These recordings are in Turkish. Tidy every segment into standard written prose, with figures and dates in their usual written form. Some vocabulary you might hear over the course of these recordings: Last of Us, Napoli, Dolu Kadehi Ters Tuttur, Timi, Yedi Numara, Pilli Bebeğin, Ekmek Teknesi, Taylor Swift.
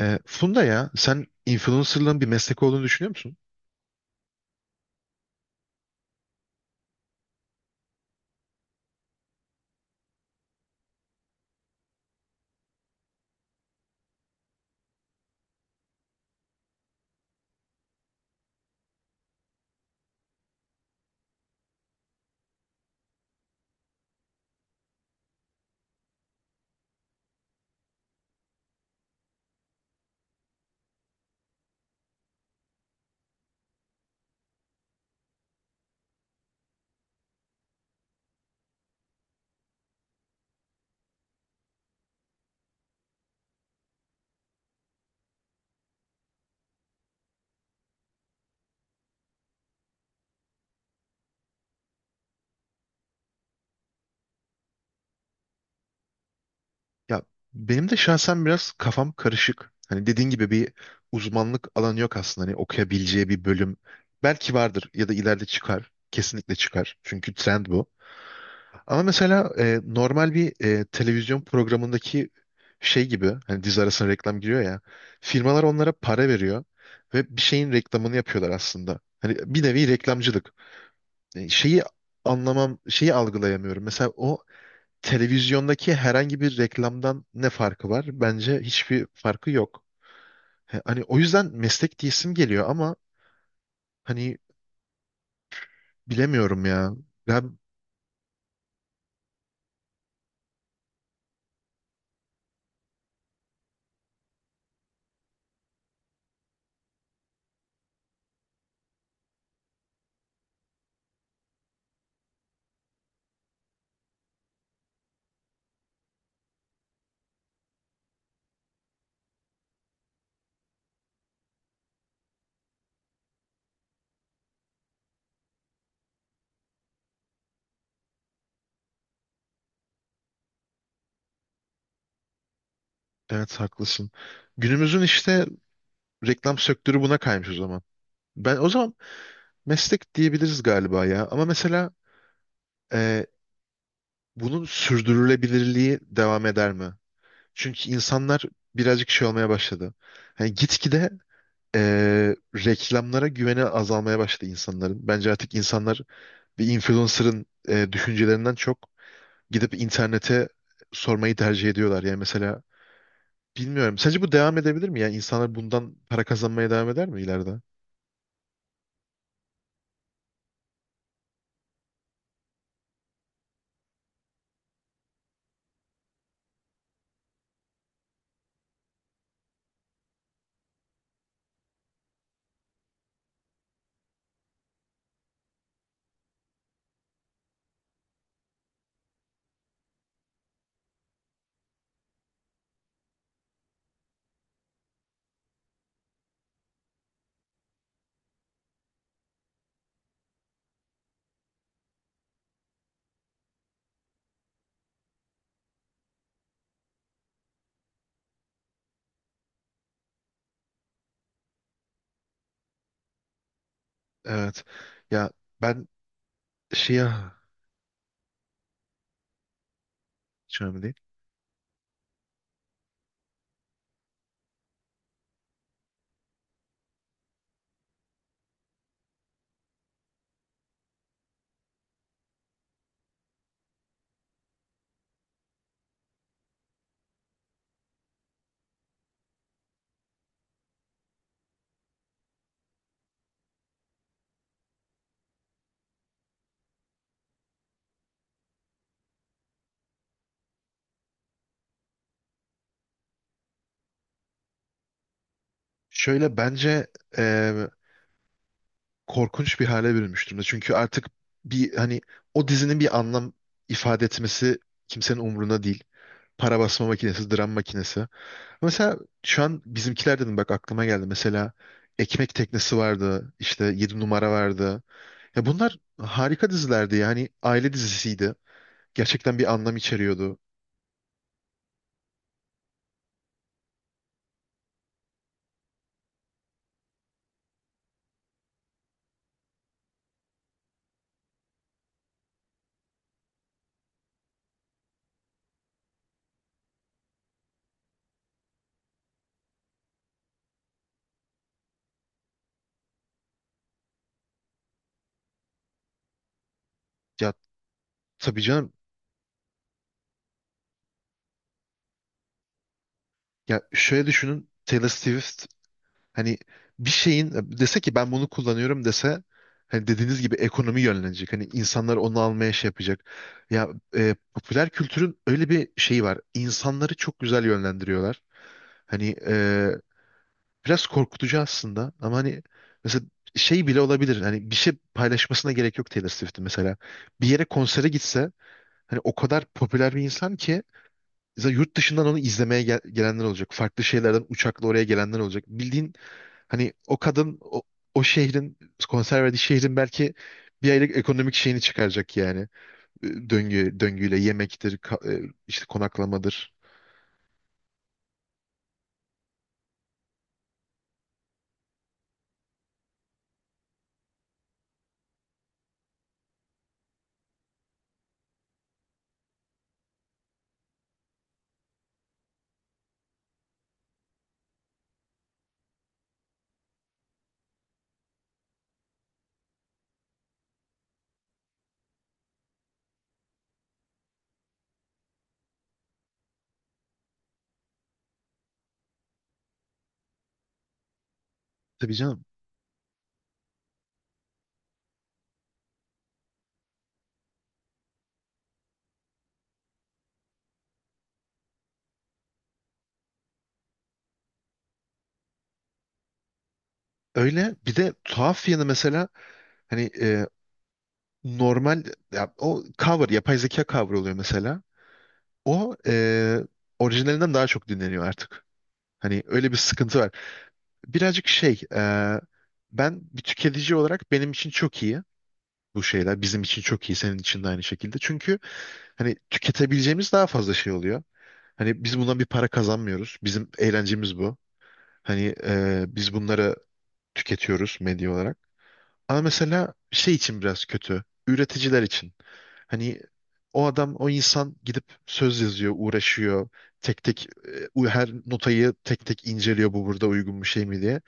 Funda, ya sen influencerlığın bir meslek olduğunu düşünüyor musun? Ya, benim de şahsen biraz kafam karışık. Hani, dediğin gibi bir uzmanlık alanı yok aslında. Hani okuyabileceği bir bölüm belki vardır ya da ileride çıkar. Kesinlikle çıkar. Çünkü trend bu. Ama mesela normal bir televizyon programındaki şey gibi, hani dizi arasına reklam giriyor ya. Firmalar onlara para veriyor ve bir şeyin reklamını yapıyorlar aslında. Hani bir nevi reklamcılık. Şeyi anlamam, şeyi algılayamıyorum. Mesela o televizyondaki herhangi bir reklamdan ne farkı var? Bence hiçbir farkı yok. Hani o yüzden meslek diyesim geliyor ama hani bilemiyorum ya. Ben evet, haklısın. Günümüzün işte reklam sektörü buna kaymış o zaman. Ben o zaman meslek diyebiliriz galiba ya. Ama mesela e, bunun sürdürülebilirliği devam eder mi? Çünkü insanlar birazcık şey olmaya başladı. Hani gitgide e, reklamlara güveni azalmaya başladı insanların. Bence artık insanlar bir influencer'ın düşüncelerinden çok gidip internete sormayı tercih ediyorlar. Yani mesela bilmiyorum. Sence bu devam edebilir mi? Yani insanlar bundan para kazanmaya devam eder mi ileride? Evet. Ya, ben şeye hiç önemli değil. Şöyle, bence e, korkunç bir hale bürünmüş durumda. Çünkü artık hani o dizinin bir anlam ifade etmesi kimsenin umruna değil. Para basma makinesi, dram makinesi. Mesela şu an bizimkiler dedim, bak aklıma geldi. Mesela Ekmek Teknesi vardı, işte Yedi Numara vardı. Ya bunlar harika dizilerdi. Yani aile dizisiydi. Gerçekten bir anlam içeriyordu. Ya, tabii canım. Ya, şöyle düşünün. Taylor Swift hani bir şeyin dese ki, ben bunu kullanıyorum dese, hani dediğiniz gibi ekonomi yönlenecek. Hani insanlar onu almaya şey yapacak. Ya, popüler kültürün öyle bir şeyi var. İnsanları çok güzel yönlendiriyorlar. Hani, biraz korkutucu aslında ama hani mesela şey bile olabilir. Hani bir şey paylaşmasına gerek yok Taylor Swift'in mesela. Bir yere konsere gitse, hani o kadar popüler bir insan ki, mesela yurt dışından onu izlemeye gelenler olacak. Farklı şeylerden uçakla oraya gelenler olacak. Bildiğin, hani o kadın, o, o şehrin, konser verdiği şehrin belki bir aylık ekonomik şeyini çıkaracak yani. Döngüyle yemektir, işte konaklamadır. Tabii canım. Öyle. Bir de tuhaf yanı, mesela hani normal, ya o cover, yapay zeka cover oluyor mesela. O orijinalinden daha çok dinleniyor artık. Hani öyle bir sıkıntı var. Birazcık şey, ben bir tüketici olarak, benim için çok iyi bu şeyler. Bizim için çok iyi, senin için de aynı şekilde. Çünkü hani tüketebileceğimiz daha fazla şey oluyor. Hani biz bundan bir para kazanmıyoruz. Bizim eğlencemiz bu. Hani biz bunları tüketiyoruz medya olarak. Ama mesela şey için biraz kötü. Üreticiler için. Hani o adam, o insan gidip söz yazıyor, uğraşıyor. Tek tek her notayı tek tek inceliyor, bu burada uygun bir şey mi diye.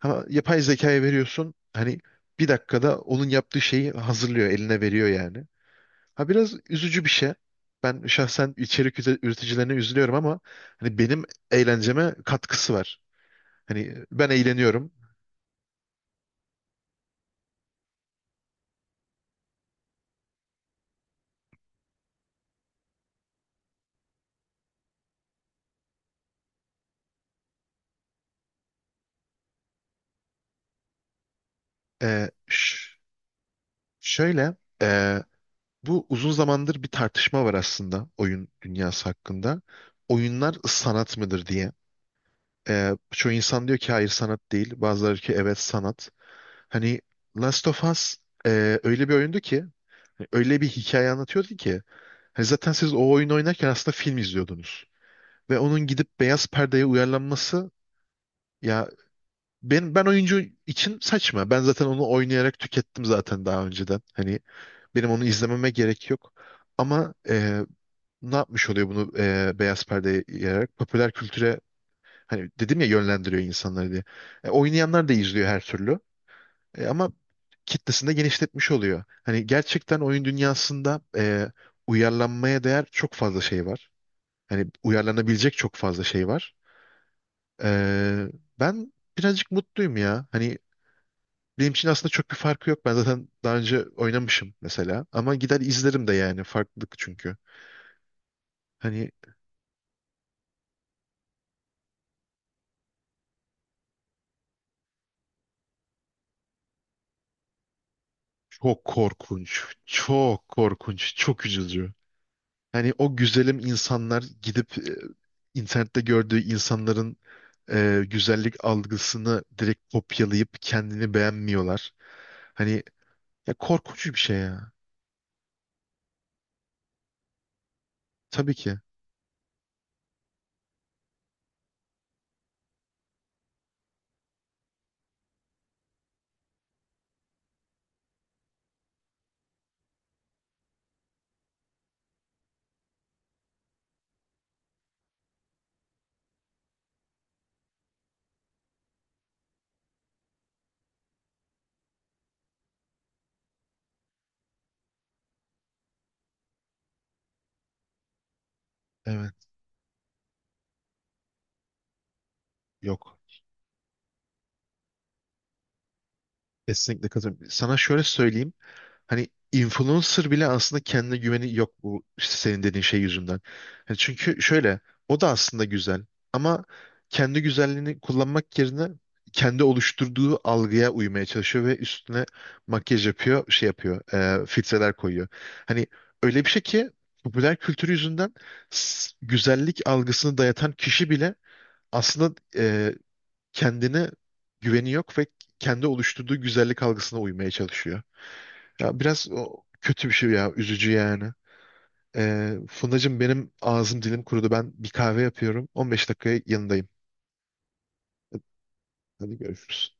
Ama yapay zekaya veriyorsun. Hani bir dakikada onun yaptığı şeyi hazırlıyor, eline veriyor yani. Ha, biraz üzücü bir şey. Ben şahsen içerik üreticilerine üzülüyorum ama hani benim eğlenceme katkısı var. Hani ben eğleniyorum. Ee, Şöyle, eee, bu uzun zamandır bir tartışma var aslında, oyun dünyası hakkında. Oyunlar sanat mıdır diye. Çoğu insan diyor ki hayır, sanat değil. Bazıları ki evet, sanat. Hani Last of Us öyle bir oyundu ki, öyle bir hikaye anlatıyordu ki. Hani zaten siz o oyunu oynarken aslında film izliyordunuz. Ve onun gidip beyaz perdeye uyarlanması, ya ben oyuncu için saçma. Ben zaten onu oynayarak tükettim zaten daha önceden. Hani benim onu izlememe gerek yok. Ama ne yapmış oluyor bunu beyaz perdeye yayarak? Popüler kültüre, hani dedim ya, yönlendiriyor insanları diye. Oynayanlar da izliyor her türlü. Ama kitlesini de genişletmiş oluyor. Hani gerçekten oyun dünyasında uyarlanmaya değer çok fazla şey var. Hani uyarlanabilecek çok fazla şey var. E, ben birazcık mutluyum ya. Hani benim için aslında çok bir farkı yok. Ben zaten daha önce oynamışım mesela. Ama gider izlerim de yani. Farklılık çünkü. Hani çok korkunç, çok korkunç, çok üzücü. Hani o güzelim insanlar gidip internette gördüğü insanların güzellik algısını direkt kopyalayıp kendini beğenmiyorlar. Hani, ya korkunç bir şey ya. Tabii ki. Evet. Yok. Kesinlikle katılıyorum. Sana şöyle söyleyeyim. Hani influencer bile aslında kendine güveni yok, bu işte senin dediğin şey yüzünden. Hani çünkü şöyle, o da aslında güzel, ama kendi güzelliğini kullanmak yerine kendi oluşturduğu algıya uymaya çalışıyor ve üstüne makyaj yapıyor, şey yapıyor, filtreler koyuyor. Hani öyle bir şey ki, popüler kültür yüzünden güzellik algısını dayatan kişi bile aslında kendine güveni yok ve kendi oluşturduğu güzellik algısına uymaya çalışıyor. Ya biraz, o kötü bir şey ya. Üzücü yani. Fındacığım, benim ağzım dilim kurudu. Ben bir kahve yapıyorum. 15 dakikaya yanındayım. Hadi görüşürüz.